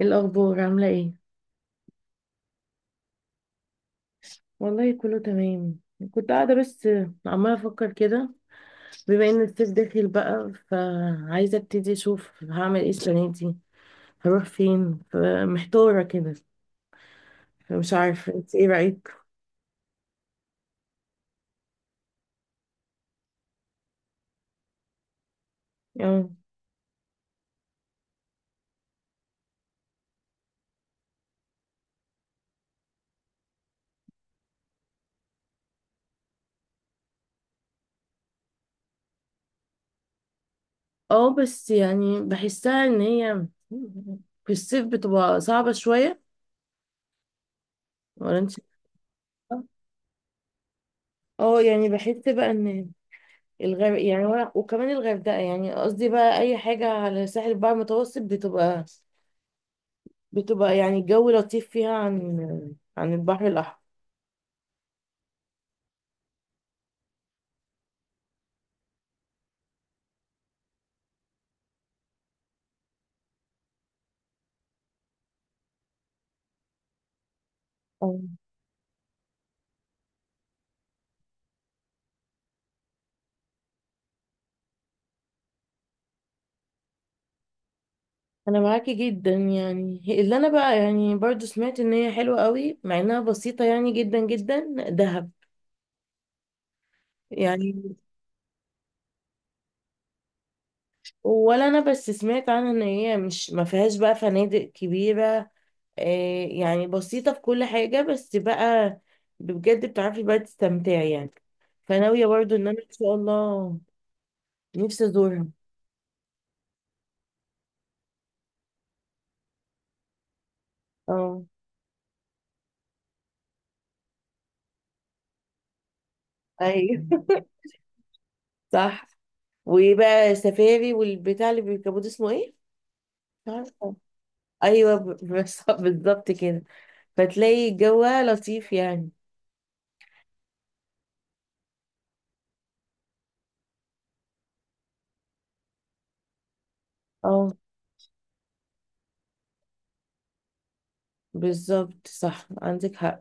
إيه الاخبار؟ عامله ايه؟ والله كله تمام. كنت قاعده بس عماله افكر كده. بما ان الصيف داخل بقى فعايزه ابتدي اشوف هعمل ايه السنه دي. هروح فين؟ فمحتاره كده. فمش عارفه، انت ايه رايك؟ اه، اه بس يعني بحسها ان هي في الصيف بتبقى صعبه شويه. انت شايفة؟ اه يعني بحس بقى ان الغرب يعني وكمان الغردقه، يعني قصدي بقى اي حاجه على ساحل البحر المتوسط بتبقى يعني الجو لطيف فيها عن البحر الأحمر. أه. انا معاكي جدا يعني. اللي انا بقى يعني برضو سمعت ان هي حلوة قوي، مع انها بسيطة يعني، جدا جدا دهب يعني. ولا انا بس سمعت عنها ان هي مش ما فيهاش بقى فنادق كبيرة. آه، يعني بسيطة في كل حاجة، بس بقى بجد بتعرفي بقى تستمتعي يعني. فناوية برضو ان انا ان شاء الله نفسي ازورها. اه، ايوه. صح. وبقى سفاري والبتاع اللي بيركبوه ده اسمه ايه؟ مش عارفة. ايوه، بالظبط كده. فتلاقي جوها لطيف يعني. اه بالظبط، صح، عندك حق.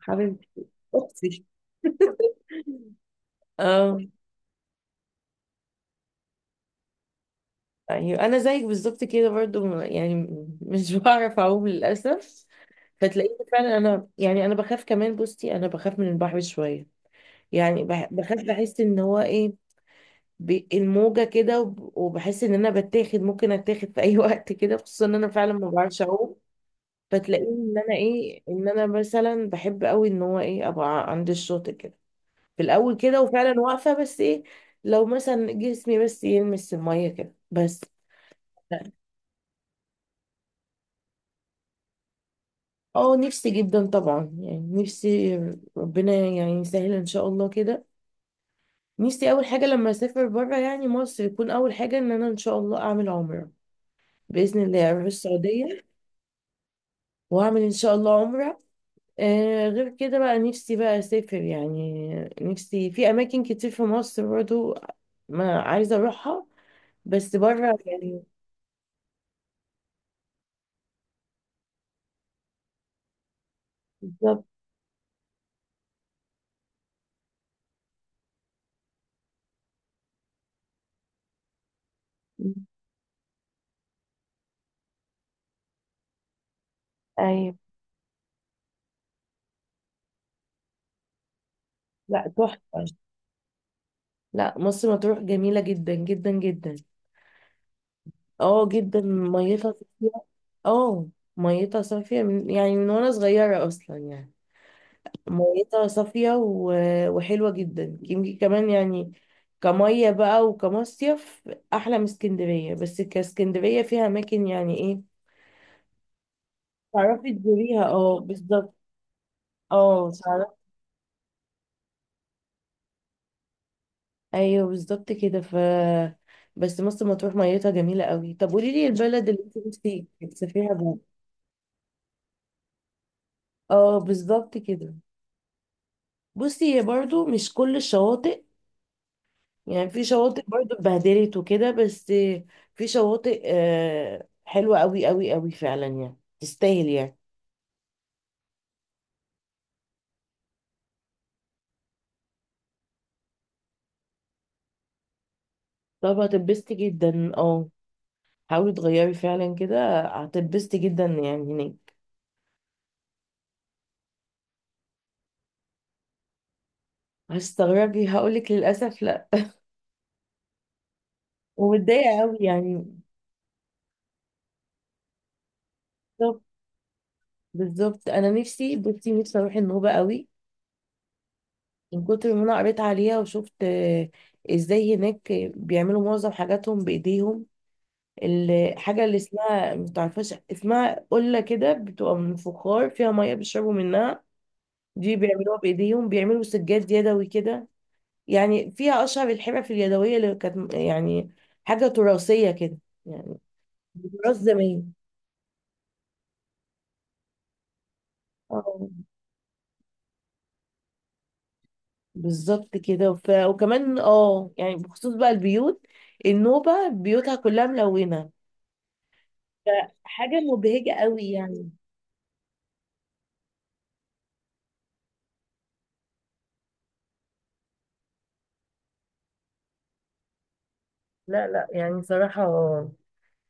حبيبتي. اختي. اه. ايوه انا زيك بالظبط كده برضو يعني، مش بعرف اعوم للاسف. فتلاقيني فعلا انا يعني، انا بخاف كمان. بصي انا بخاف من البحر شويه يعني. بخاف، بحس ان هو ايه، الموجه كده، وبحس ان انا بتاخد، ممكن اتاخد في اي وقت كده، خصوصا ان انا فعلا ما بعرفش اعوم. فتلاقيني ان انا ايه، ان انا مثلا بحب قوي ان هو ايه، ابقى عند الشاطئ كده. في الاول كده وفعلا واقفه، بس ايه، لو مثلا جسمي بس يلمس الميه كده بس. اه نفسي جدا طبعا يعني، نفسي ربنا يعني يسهل ان شاء الله كده. نفسي اول حاجه لما اسافر بره يعني مصر، يكون اول حاجه ان انا ان شاء الله اعمل عمره. باذن الله اروح السعوديه واعمل ان شاء الله عمره. آه غير كده بقى نفسي بقى اسافر يعني. نفسي في اماكن كتير في مصر برضو ما عايزه اروحها، بس بره يعني. بالظبط. ايوه. لا، تحفه. لا، مصر مطروح جميله جدا جدا جدا. اه جدا، ميتها صافيه. اه، ميتها صافيه من يعني من وانا صغيره اصلا يعني. ميتها صافية وحلوة جدا. يمكن كمان يعني كمية بقى، وكمصيف أحلى من اسكندرية، بس كاسكندرية فيها أماكن يعني إيه تعرفي تزوريها. اه بالظبط. اه تعرفي. أيوه بالظبط كده. ف بس مرسى مطروح ميتها جميلة قوي. طب قولي لي البلد اللي انت نفسك تسافريها بقى. اه بالظبط كده. بصي هي برضو مش كل الشواطئ يعني، في شواطئ برضو اتبهدلت وكده، بس في شواطئ آه، حلوة قوي قوي قوي فعلا يعني، تستاهل يعني. طب هتتبسطي جدا، اه. حاولي تغيري فعلا كده، هتتبسطي جدا يعني هناك. هتستغربي هقولك، للأسف لا. ومتضايقة قوي يعني. بالظبط. بالظبط. أنا نفسي، بصي نفسي أروح النوبة قوي، من كتر ما أنا قريت عليها وشفت آه، إزاي هناك بيعملوا معظم حاجاتهم بإيديهم. الحاجة اللي اسمها متعرفهاش، اسمها قلة كده، بتبقى من فخار فيها مية بيشربوا منها، دي بيعملوها بإيديهم. بيعملوا سجاد يدوي كده. يعني فيها أشهر الحرف اليدوية اللي كانت يعني حاجة تراثية كده يعني، تراث زمان. اه بالظبط كده. وكمان اه يعني بخصوص بقى البيوت، النوبة بيوتها كلها ملونة، فحاجة مبهجة قوي يعني. لا لا يعني صراحة،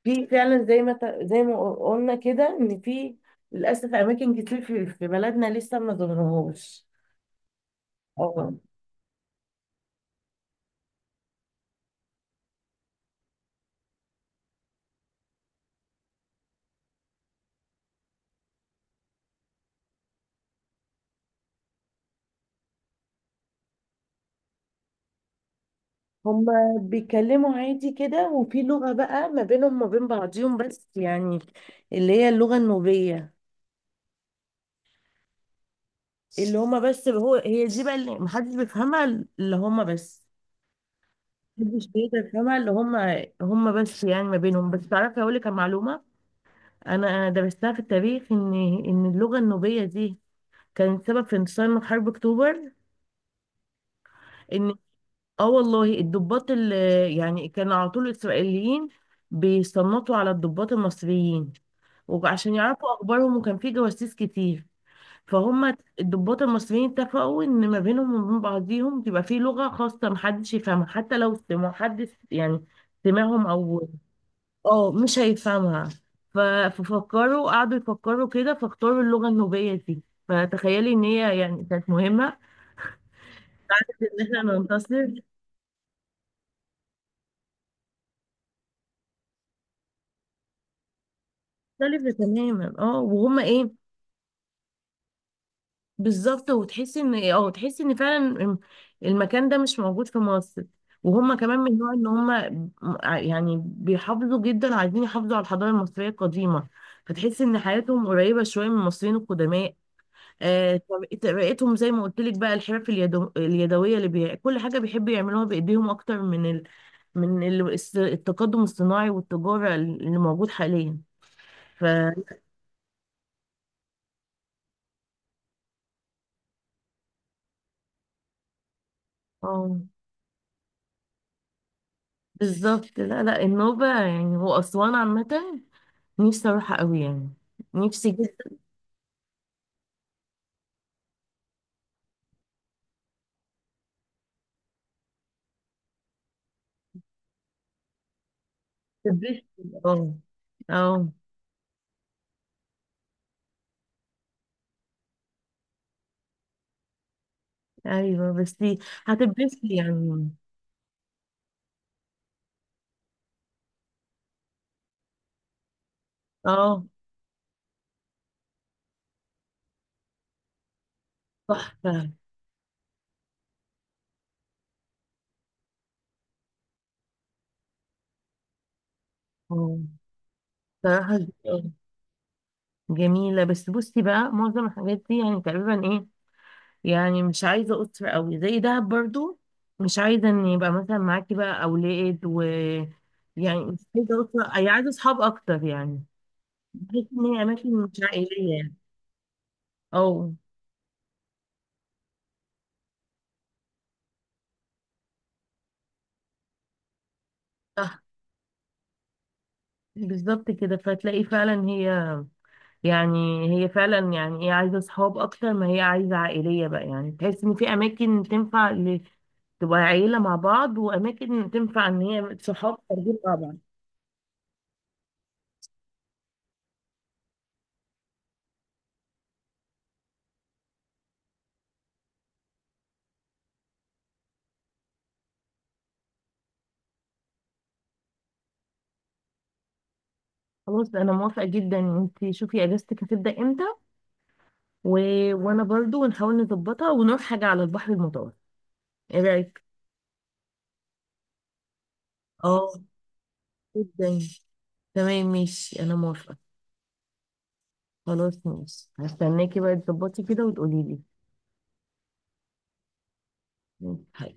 في فعلا زي ما زي ما قلنا كده، ان في للاسف اماكن كتير في في بلدنا لسه ما ظهرهوش. اه، هما بيتكلموا عادي كده، وفي لغة بقى ما بينهم وما بين بعضيهم بس يعني، اللي هي اللغة النوبية. اللي هما بس هو هي دي بقى اللي محدش بيفهمها. اللي هما بس محدش بيقدر يفهمها. اللي هما هما بس يعني ما بينهم بس. تعرفي اقول لك على معلومة، انا درستها في التاريخ، ان ان اللغة النوبية دي كانت سبب في انتصار حرب اكتوبر. ان اه والله الضباط اللي يعني، كان على طول الاسرائيليين بيصنطوا على الضباط المصريين، وعشان يعرفوا اخبارهم، وكان في جواسيس كتير. فهم الضباط المصريين اتفقوا ان ما بينهم وبين بعضيهم تبقى في لغة خاصة محدش يفهمها، حتى لو ما حدش يعني سمعهم او اه مش هيفهمها. ف- ففكروا، قعدوا يفكروا كده، فاختاروا اللغة النوبية دي. فتخيلي ان هي يعني كانت مهمة ان احنا ننتصر. مختلفة تماما اه. وهما ايه، بالظبط. وتحسي ان إيه، اه تحسي ان فعلا المكان ده مش موجود في مصر. وهما كمان من النوع ان هما يعني بيحافظوا جدا، عايزين يحافظوا على الحضارة المصرية القديمة. فتحسي ان حياتهم قريبة شوية من المصريين القدماء. آه، طريقتهم زي ما قلت لك بقى، الحرف اليدوية اللي كل حاجة بيحبوا يعملوها بإيديهم أكتر من التقدم الصناعي والتجارة اللي موجود حاليا. ف اه بالظبط. لا لا، النوبة يعني هو أسوان عامة، نفسي أروحها أوي يعني، نفسي جدا. هتتبسطي اه. اه أيوه بس هتتبسطي يعني. اه تحفة. اه صراحة ج- جميلة. بس بصي بقى معظم الحاجات دي يعني تقريبا ايه، يعني مش عايزة أسرة أوي زي دهب برضو. مش عايزة إن يبقى مثلا معاكي بقى أولاد، و يعني مش عايزة أسرة، أي عايزة أصحاب أكتر يعني. بحس إن هي أماكن مش عائلية يعني. اه، صح. بالظبط كده. فتلاقي فعلا هي يعني، هي فعلا يعني ايه، عايزه اصحاب اكتر ما هي عايزه عائليه بقى يعني، تحس ان في اماكن تنفع تبقى عيله مع بعض، واماكن تنفع ان هي صحاب خارجين مع بعض. خلاص، انا موافقه جدا. انت شوفي اجازتك هتبدا امتى، و... وانا برضو نحاول نظبطها ونروح حاجه على البحر المتوسط. ايه رايك؟ اه جدا. تمام ماشي، انا موافقه. خلاص ماشي، هستناكي بقى تظبطي كده وتقولي لي. ماشي.